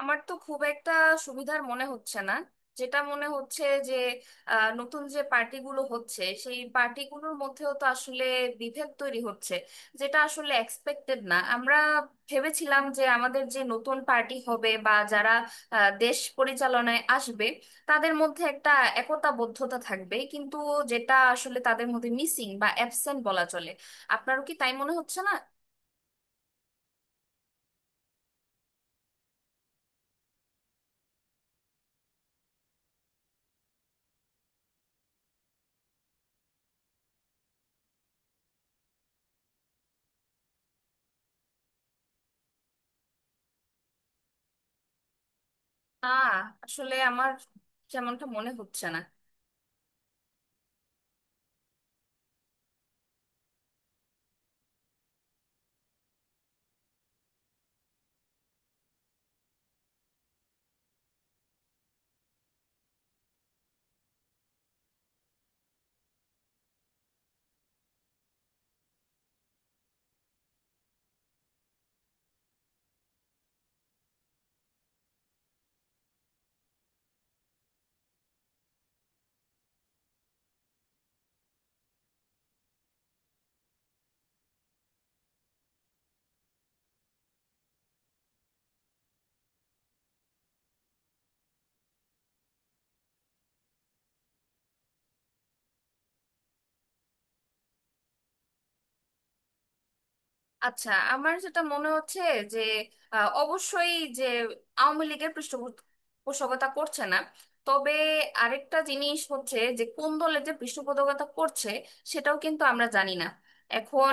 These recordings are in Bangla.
আমার তো খুব একটা সুবিধার মনে হচ্ছে না। যেটা মনে হচ্ছে যে নতুন যে পার্টিগুলো হচ্ছে সেই পার্টিগুলোর মধ্যেও তো আসলে বিভেদ তৈরি হচ্ছে, যেটা আসলে এক্সপেক্টেড না। আমরা ভেবেছিলাম যে আমাদের যে নতুন পার্টি হবে বা যারা দেশ পরিচালনায় আসবে তাদের মধ্যে একটা একতাবদ্ধতা থাকবে, কিন্তু যেটা আসলে তাদের মধ্যে মিসিং বা অ্যাবসেন্ট বলা চলে। আপনারও কি তাই মনে হচ্ছে না? না আসলে আমার যেমনটা মনে হচ্ছে না। আচ্ছা আমার যেটা মনে হচ্ছে যে অবশ্যই যে আওয়ামী লীগের পৃষ্ঠপোষকতা করছে না। তবে আরেকটা জিনিস হচ্ছে যে কোন দলের যে পৃষ্ঠপোষকতা করছে সেটাও কিন্তু আমরা জানি না। এখন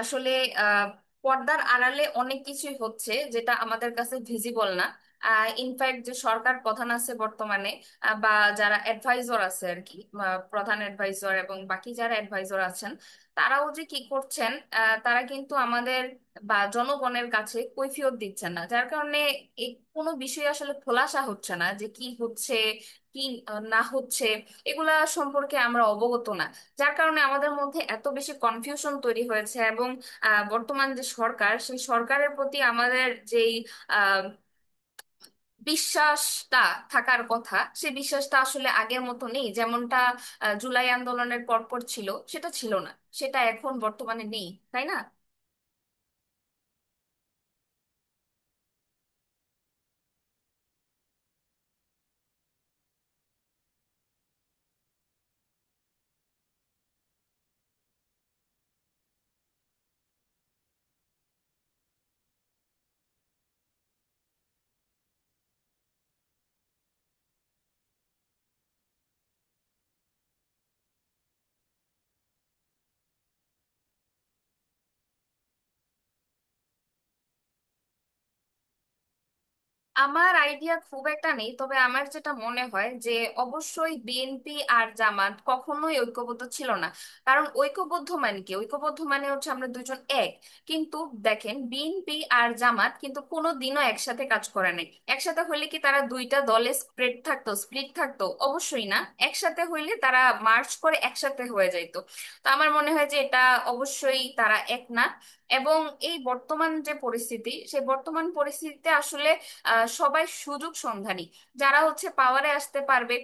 আসলে আহ, পর্দার আড়ালে অনেক কিছুই হচ্ছে যেটা আমাদের কাছে ভিজিবল না। ইনফ্যাক্ট যে সরকার প্রধান আছে বর্তমানে, বা যারা অ্যাডভাইজর আছে আর কি, প্রধান অ্যাডভাইজর এবং বাকি যারা অ্যাডভাইজর আছেন, তারাও যে কি করছেন, তারা কিন্তু আমাদের বা জনগণের কাছে কৈফিয়ত দিচ্ছেন না, যার কারণে এই কোনো বিষয়ে আসলে খোলাসা হচ্ছে না যে কি হচ্ছে কি না হচ্ছে। এগুলা সম্পর্কে আমরা অবগত না, যার কারণে আমাদের মধ্যে এত বেশি কনফিউশন তৈরি হয়েছে এবং বর্তমান যে সরকার সেই সরকারের প্রতি আমাদের যেই আহ, বিশ্বাসটা থাকার কথা সেই বিশ্বাসটা আসলে আগের মতো নেই, যেমনটা জুলাই আন্দোলনের পরপর ছিল সেটা ছিল না, সেটা এখন বর্তমানে নেই। তাই না? আমার আইডিয়া খুব একটা নেই, তবে আমার যেটা মনে হয় যে অবশ্যই বিএনপি আর জামাত কখনোই ঐক্যবদ্ধ ছিল না। কারণ ঐক্যবদ্ধ মানে কি? ঐক্যবদ্ধ মানে হচ্ছে আমরা দুজন এক। কিন্তু দেখেন বিএনপি আর জামাত কিন্তু কোনোদিনও একসাথে কাজ করে নাই। একসাথে হইলে কি তারা দুইটা দলে স্প্রেড থাকতো, স্প্লিট থাকতো? অবশ্যই না। একসাথে হইলে তারা মার্চ করে একসাথে হয়ে যাইতো। তো আমার মনে হয় যে এটা অবশ্যই তারা এক না। এবং এই বর্তমান যে পরিস্থিতি সেই বর্তমান পরিস্থিতিতে আসলে সবাই সুযোগ সন্ধানী। যারা হচ্ছে পাওয়ারে আসতে পারবে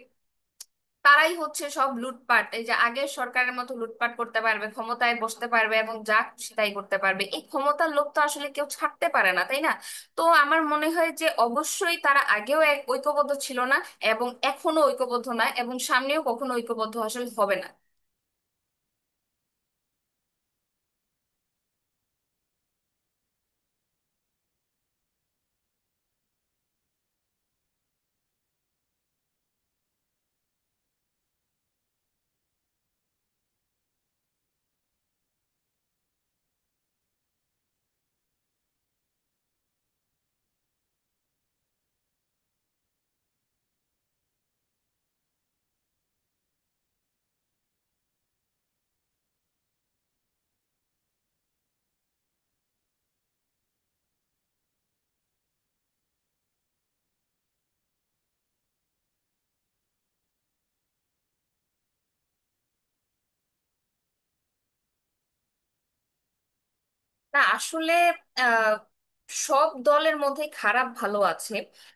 তারাই হচ্ছে সব লুটপাট, এই যে আগের সরকারের মতো লুটপাট করতে পারবে, ক্ষমতায় বসতে পারবে এবং যা খুশি তাই করতে পারবে। এই ক্ষমতার লোভ তো আসলে কেউ ছাড়তে পারে না, তাই না? তো আমার মনে হয় যে অবশ্যই তারা আগেও এক ঐক্যবদ্ধ ছিল না, এবং এখনো ঐক্যবদ্ধ না, এবং সামনেও কখনো ঐক্যবদ্ধ আসলে হবে না। না আসলে আহ, সব দলের মধ্যে খারাপ ভালো আছে।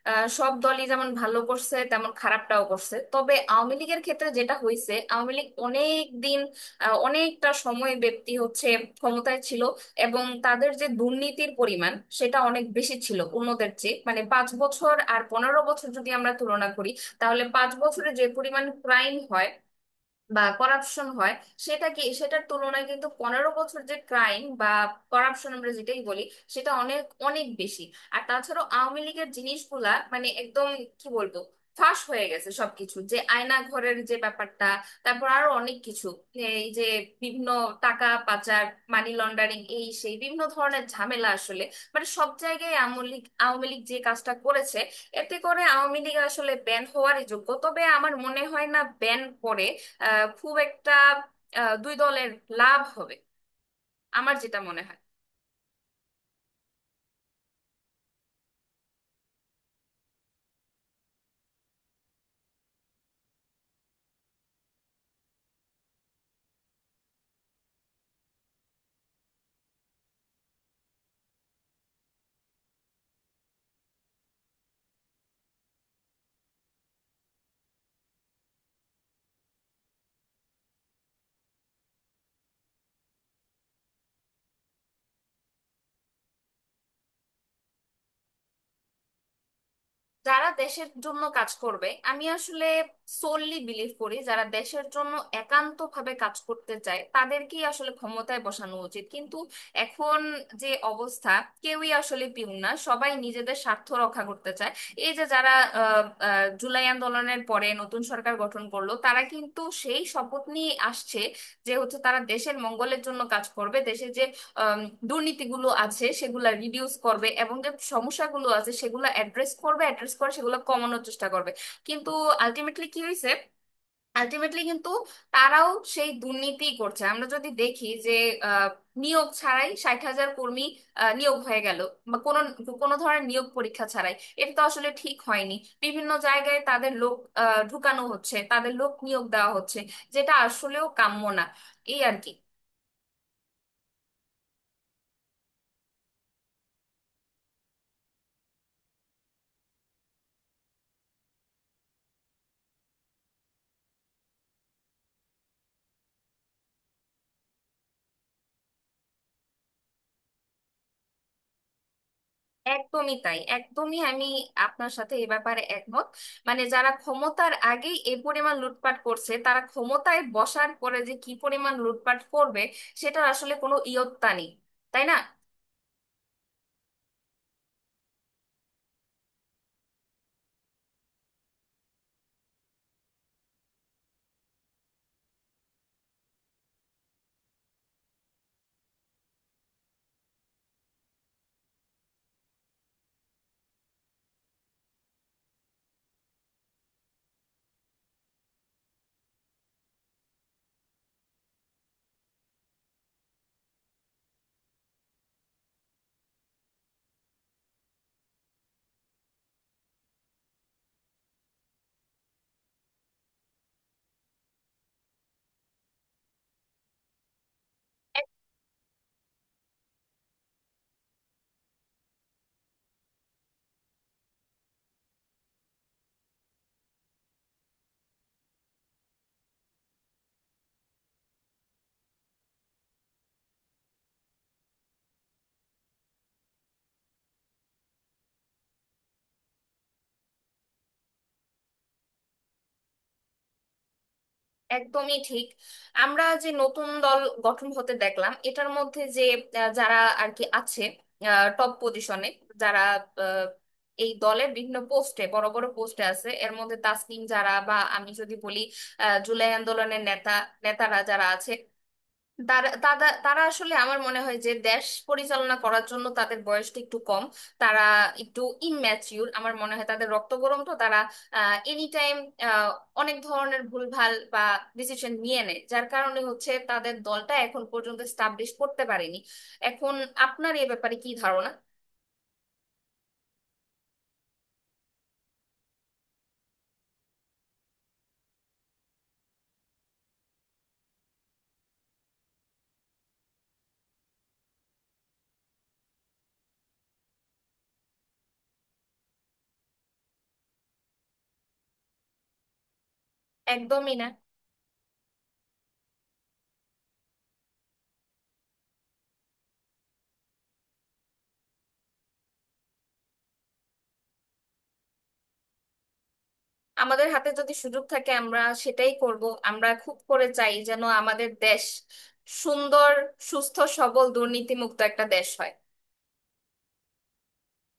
সব দলই যেমন ভালো করছে তেমন খারাপটাও করছে, তবে আওয়ামী লীগের ক্ষেত্রে যেটা হয়েছে, আওয়ামী লীগ অনেক দিন অনেকটা সময় ব্যক্তি হচ্ছে ক্ষমতায় ছিল। এবং তাদের যে দুর্নীতির পরিমাণ সেটা অনেক বেশি ছিল অন্যদের চেয়ে, মানে 5 বছর আর 15 বছর যদি আমরা তুলনা করি, তাহলে 5 বছরে যে পরিমাণ ক্রাইম হয় বা করাপশন হয় সেটা কি সেটার তুলনায় কিন্তু 15 বছর যে ক্রাইম বা করাপশন আমরা যেটাই বলি সেটা অনেক অনেক বেশি। আর তাছাড়াও আওয়ামী লীগের জিনিসগুলা মানে একদম কি বলবো ফাঁস হয়ে গেছে সবকিছু, যে আয়না ঘরের যে ব্যাপারটা, তারপর আরো অনেক কিছু, এই যে বিভিন্ন টাকা পাচার, মানি লন্ডারিং, এই সেই বিভিন্ন ধরনের ঝামেলা আসলে। মানে সব জায়গায় আওয়ামী লীগ আওয়ামী লীগ যে কাজটা করেছে, এতে করে আওয়ামী লীগ আসলে ব্যান হওয়ারই যোগ্য, তবে আমার মনে হয় না ব্যান করে খুব একটা দুই দলের লাভ হবে। আমার যেটা মনে হয়। যারা দেশের জন্য কাজ করবে, আমি আসলে সোললি বিলিভ করি যারা দেশের জন্য একান্ত ভাবে কাজ করতে চায় তাদেরকেই আসলে ক্ষমতায় বসানো উচিত। কিন্তু এখন যে অবস্থা, কেউই আসলে পিউন না, সবাই নিজেদের স্বার্থ রক্ষা করতে চায়। এই যে যারা আহ, আহ, জুলাই আন্দোলনের পরে নতুন সরকার গঠন করলো, তারা কিন্তু সেই শপথ নিয়ে আসছে যে হচ্ছে তারা দেশের মঙ্গলের জন্য কাজ করবে, দেশে যে আম, দুর্নীতিগুলো আছে সেগুলা রিডিউস করবে এবং যে সমস্যাগুলো আছে সেগুলো অ্যাড্রেস করবে, অ্যাড্রেস করে সেগুলো কমানোর চেষ্টা করবে। কিন্তু আলটিমেটলি কি হয়েছে? আলটিমেটলি কিন্তু তারাও সেই দুর্নীতি করছে। আমরা যদি দেখি যে আহ, নিয়োগ ছাড়াই 60 হাজার কর্মী নিয়োগ হয়ে গেল, বা কোনো কোনো ধরনের নিয়োগ পরীক্ষা ছাড়াই। এটা তো আসলে ঠিক হয়নি। বিভিন্ন জায়গায় তাদের লোক ঢুকানো হচ্ছে, তাদের লোক নিয়োগ দেওয়া হচ্ছে, যেটা আসলেও কাম্য না। এই আর কি। একদমই তাই, একদমই আমি আপনার সাথে এ ব্যাপারে একমত। মানে যারা ক্ষমতার আগেই এ পরিমাণ লুটপাট করছে, তারা ক্ষমতায় বসার পরে যে কি পরিমাণ লুটপাট করবে সেটার আসলে কোনো ইয়ত্তা নেই। তাই না? একদমই ঠিক। আমরা যে নতুন দল গঠন হতে দেখলাম এটার মধ্যে যে যারা আর কি আছে টপ পজিশনে, যারা আহ, এই দলের বিভিন্ন পোস্টে বড় বড় পোস্টে আছে, এর মধ্যে তাসনিম যারা বা আমি যদি বলি জুলাই আন্দোলনের নেতারা যারা আছে, তারা তারা তারা আসলে আমার মনে হয় যে দেশ পরিচালনা করার জন্য তাদের বয়সটা একটু কম। তারা একটু ইনম্যাচিউর আমার মনে হয়, তাদের রক্ত গরম, তো তারা এনি টাইম অনেক ধরনের ভুলভাল বা ডিসিশন নিয়ে নেয়, যার কারণে হচ্ছে তাদের দলটা এখন পর্যন্ত স্টাবলিশ করতে পারেনি। এখন আপনার এ ব্যাপারে কি ধারণা? একদমই না। আমাদের হাতে যদি সুযোগ থাকে আমরা সেটাই করব। আমরা খুব করে চাই যেন আমাদের দেশ সুন্দর সুস্থ সবল দুর্নীতিমুক্ত একটা দেশ হয়।